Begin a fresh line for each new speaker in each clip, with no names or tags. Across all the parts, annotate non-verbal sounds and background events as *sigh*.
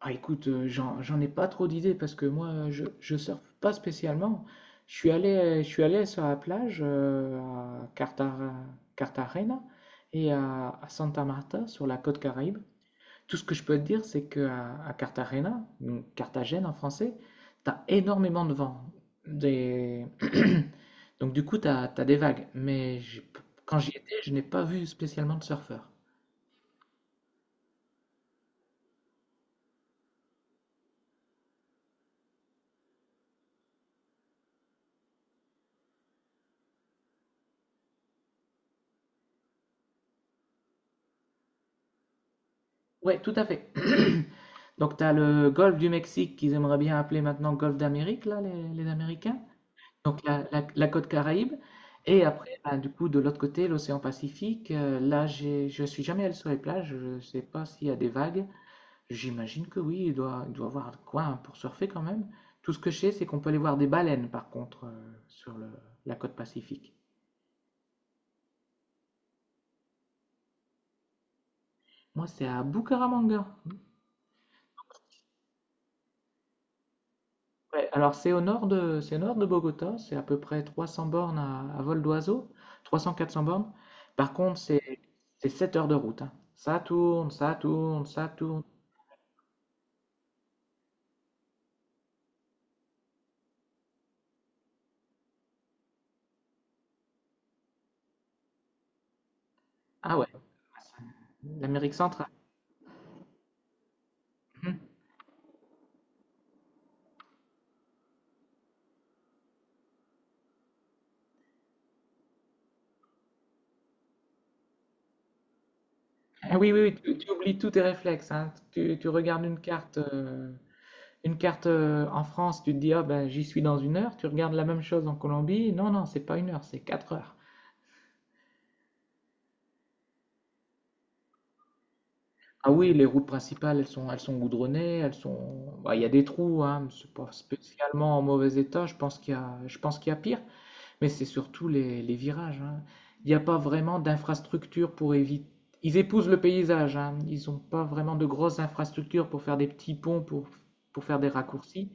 Ah, écoute, j'en ai pas trop d'idées parce que moi, je surfe pas spécialement. Je suis allé sur la plage à Cartagena, Cartagena et à Santa Marta sur la côte Caraïbe. Tout ce que je peux te dire, c'est que à Cartagena, donc Carthagène en français, t'as énormément de vent. Des... *clears throat* Donc du coup, t'as des vagues. Mais quand j'y étais, je n'ai pas vu spécialement de surfeurs. Ouais, tout à fait. *clears throat* Donc, tu as le golfe du Mexique qu'ils aimeraient bien appeler maintenant golfe d'Amérique, là, les Américains. Donc, la côte Caraïbe. Et après, ben, du coup, de l'autre côté, l'océan Pacifique. Là, je suis jamais allé sur les plages. Je ne sais pas s'il y a des vagues. J'imagine que oui, il doit y avoir de quoi hein, pour surfer quand même. Tout ce que je sais, c'est qu'on peut aller voir des baleines, par contre, la côte Pacifique. Moi, c'est à Bucaramanga. Ouais, alors c'est au nord de Bogota, c'est à peu près 300 bornes à vol d'oiseau, 300-400 bornes. Par contre, c'est 7 heures de route, hein. Ça tourne, ça tourne, ça tourne. Ah ouais, l'Amérique centrale. Mhm. Ah oui, oui, oui, tu oublies tous tes réflexes, hein. Tu regardes une carte en France, tu te dis, ah ben, j'y suis dans une heure. Tu regardes la même chose en Colombie. Non, non, c'est pas une heure, c'est 4 heures. Ah oui, les routes principales, elles sont goudronnées, bah, il y a des trous, hein, mais c'est pas spécialement en mauvais état. Je pense qu'il y a pire, mais c'est surtout les virages, hein. Il n'y a pas vraiment d'infrastructure pour éviter. Ils épousent le paysage, hein. Ils n'ont pas vraiment de grosses infrastructures pour faire des petits ponts, pour faire des raccourcis.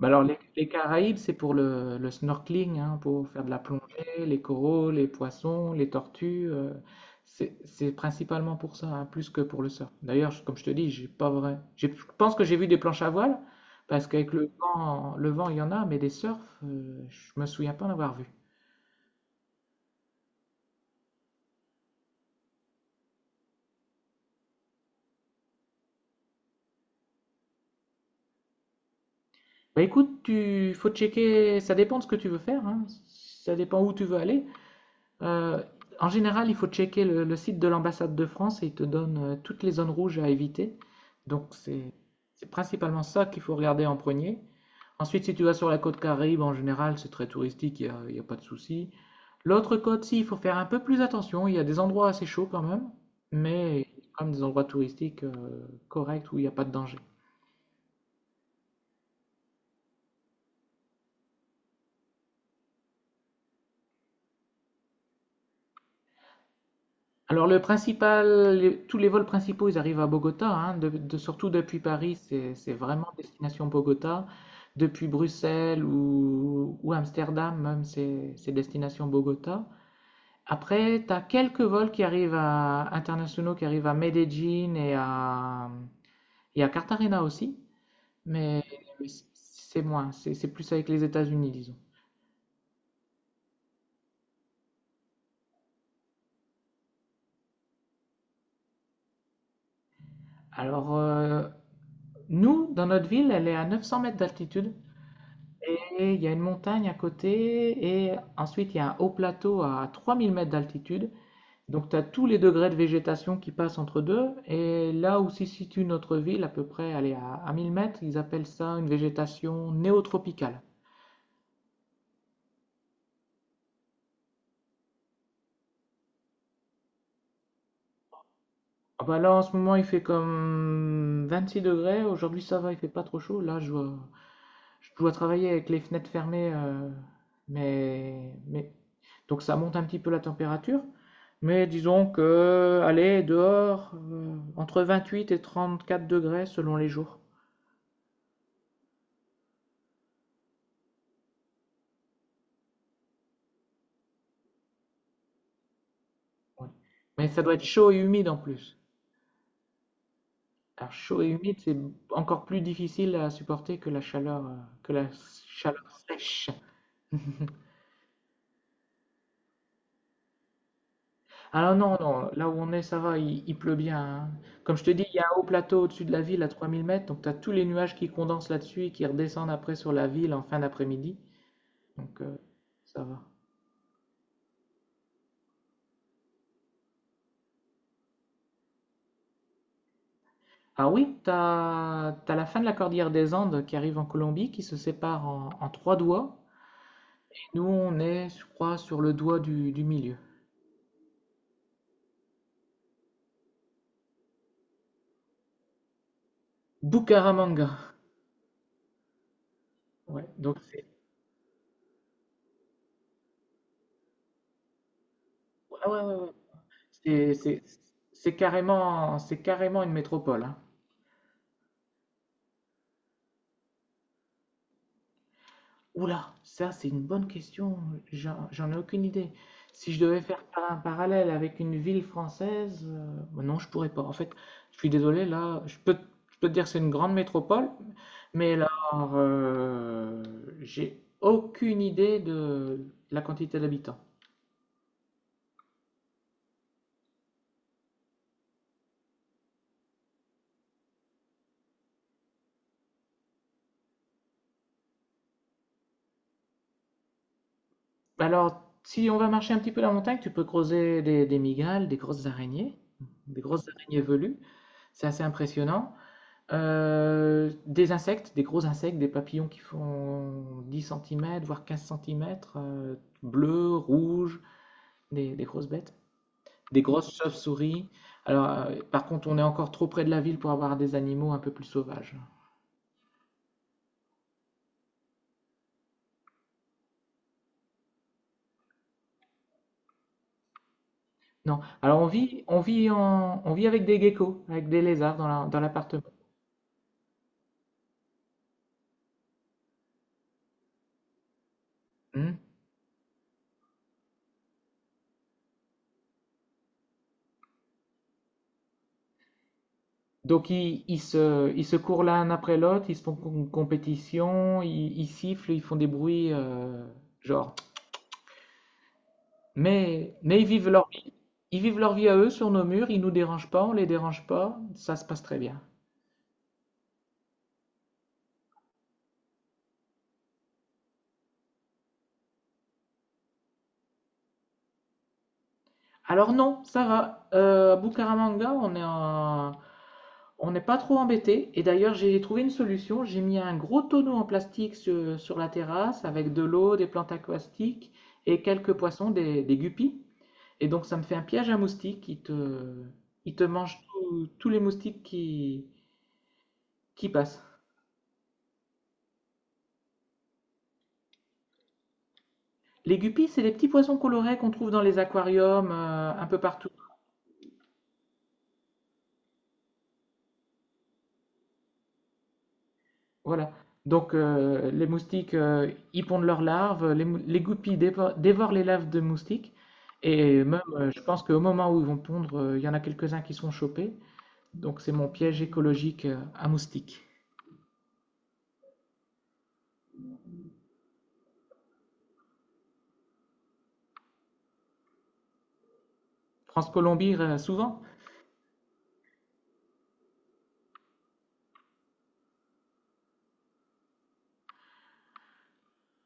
Bah alors, les Caraïbes, c'est pour le snorkeling, hein, pour faire de la plongée, les coraux, les poissons, les tortues. C'est principalement pour ça, hein, plus que pour le surf. D'ailleurs, comme je te dis, j'ai pas vrai. J'ai- je pense que j'ai vu des planches à voile, parce qu'avec le vent, il y en a, mais des surfs, je me souviens pas en avoir vu. Bah écoute, tu faut checker. Ça dépend de ce que tu veux faire, hein. Ça dépend où tu veux aller. Euh, en général, il faut checker le site de l'ambassade de France et il te donne toutes les zones rouges à éviter. Donc c'est c'est principalement ça qu'il faut regarder en premier. Ensuite, si tu vas sur la côte Caraïbe, en général, c'est très touristique, il y a pas de souci. L'autre côte, si, il faut faire un peu plus attention. Il y a des endroits assez chauds quand même, mais il y a quand même des endroits touristiques corrects où il n'y a pas de danger. Alors le principal, tous les vols principaux, ils arrivent à Bogota, hein, surtout depuis Paris, c'est vraiment destination Bogota. Depuis Bruxelles ou Amsterdam, même, c'est destination Bogota. Après, tu as quelques vols internationaux qui arrivent à Medellín et et à Cartagena aussi, mais, mais c'est moins, c'est plus avec les États-Unis, disons. Alors, nous, dans notre ville, elle est à 900 mètres d'altitude. Et il y a une montagne à côté, et ensuite il y a un haut plateau à 3000 mètres d'altitude. Donc tu as tous les degrés de végétation qui passent entre deux. Et là où se situe notre ville, à peu près, à 1000 mètres, ils appellent ça une végétation néotropicale. Ah bah là en ce moment il fait comme 26 degrés, aujourd'hui ça va, il fait pas trop chaud. Là je vois, je dois travailler avec les fenêtres fermées, mais donc ça monte un petit peu la température, mais disons que, allez, dehors, entre 28 et 34 degrés selon les jours. Ouais, mais ça doit être chaud et humide en plus. Alors chaud et humide, c'est encore plus difficile à supporter que la chaleur sèche. *laughs* Alors non, non, là où on est, ça va, il pleut bien, hein. Comme je te dis, il y a un haut plateau au-dessus de la ville à 3000 mètres, donc tu as tous les nuages qui condensent là-dessus et qui redescendent après sur la ville en fin d'après-midi. Donc euh, Ça va. Ah oui, tu as la fin de la cordillère des Andes qui arrive en Colombie, qui se sépare en trois doigts. Et nous, on est, je crois, sur le doigt du milieu. Bucaramanga. Ouais, donc c'est ouais, ouais, ouais, ouais. C'est c'est- c'est carrément une métropole, hein. Oula, ça c'est une bonne question, j'en ai aucune idée. Si je devais faire un parallèle avec une ville française, bah non, je pourrais pas. En fait, je suis désolé, là, je peux te dire que c'est une grande métropole, mais là, j'ai aucune idée de la quantité d'habitants. Alors, si on va marcher un petit peu la montagne, tu peux creuser des migales, des grosses araignées velues, c'est assez impressionnant. Des insectes, des gros insectes, des papillons qui font 10 centimètres voire 15 cm, bleus, rouges, des grosses bêtes, des grosses chauves-souris. Alors, par contre, on est encore trop près de la ville pour avoir des animaux un peu plus sauvages. Non. Alors, on vit avec des geckos, avec des lézards dans l'appartement. Hmm. Donc, ils se courent l'un après l'autre, ils se font une compétition, ils sifflent, ils font des bruits, genre. Mais ils vivent leur vie. Ils vivent leur vie à eux sur nos murs, ils nous dérangent pas, on les dérange pas, ça se passe très bien. Alors non, ça va. À Bucaramanga, on n'est pas trop embêté. Et d'ailleurs, j'ai trouvé une solution. J'ai mis un gros tonneau en plastique sur la terrasse avec de l'eau, des plantes aquatiques et quelques poissons, des guppies. Et donc, ça me fait un piège à moustiques. Il te mange tous les moustiques qui passent. Les guppies, c'est les petits poissons colorés qu'on trouve dans les aquariums un peu partout. Voilà. Donc les moustiques, ils pondent leurs larves, les guppies dévorent les larves de moustiques. Et même, je pense qu'au moment où ils vont pondre, il y en a quelques-uns qui sont chopés. Donc c'est mon piège écologique à moustiques. France-Colombie, souvent.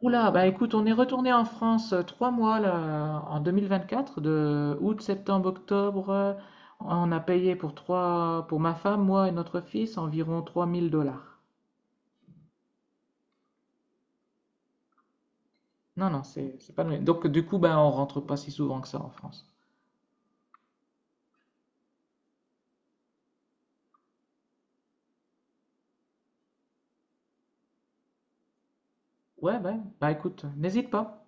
Oula, bah écoute, on est retourné en France trois mois là, en 2024, de août, septembre, octobre. Euh, on a payé pour trois, pour ma femme, moi et notre fils, environ 3 000 dollars. Non, non, c'est pas donné. Donc du coup, ben, on rentre pas si souvent que ça en France. Ouais, ouais, bah écoute, n'hésite pas.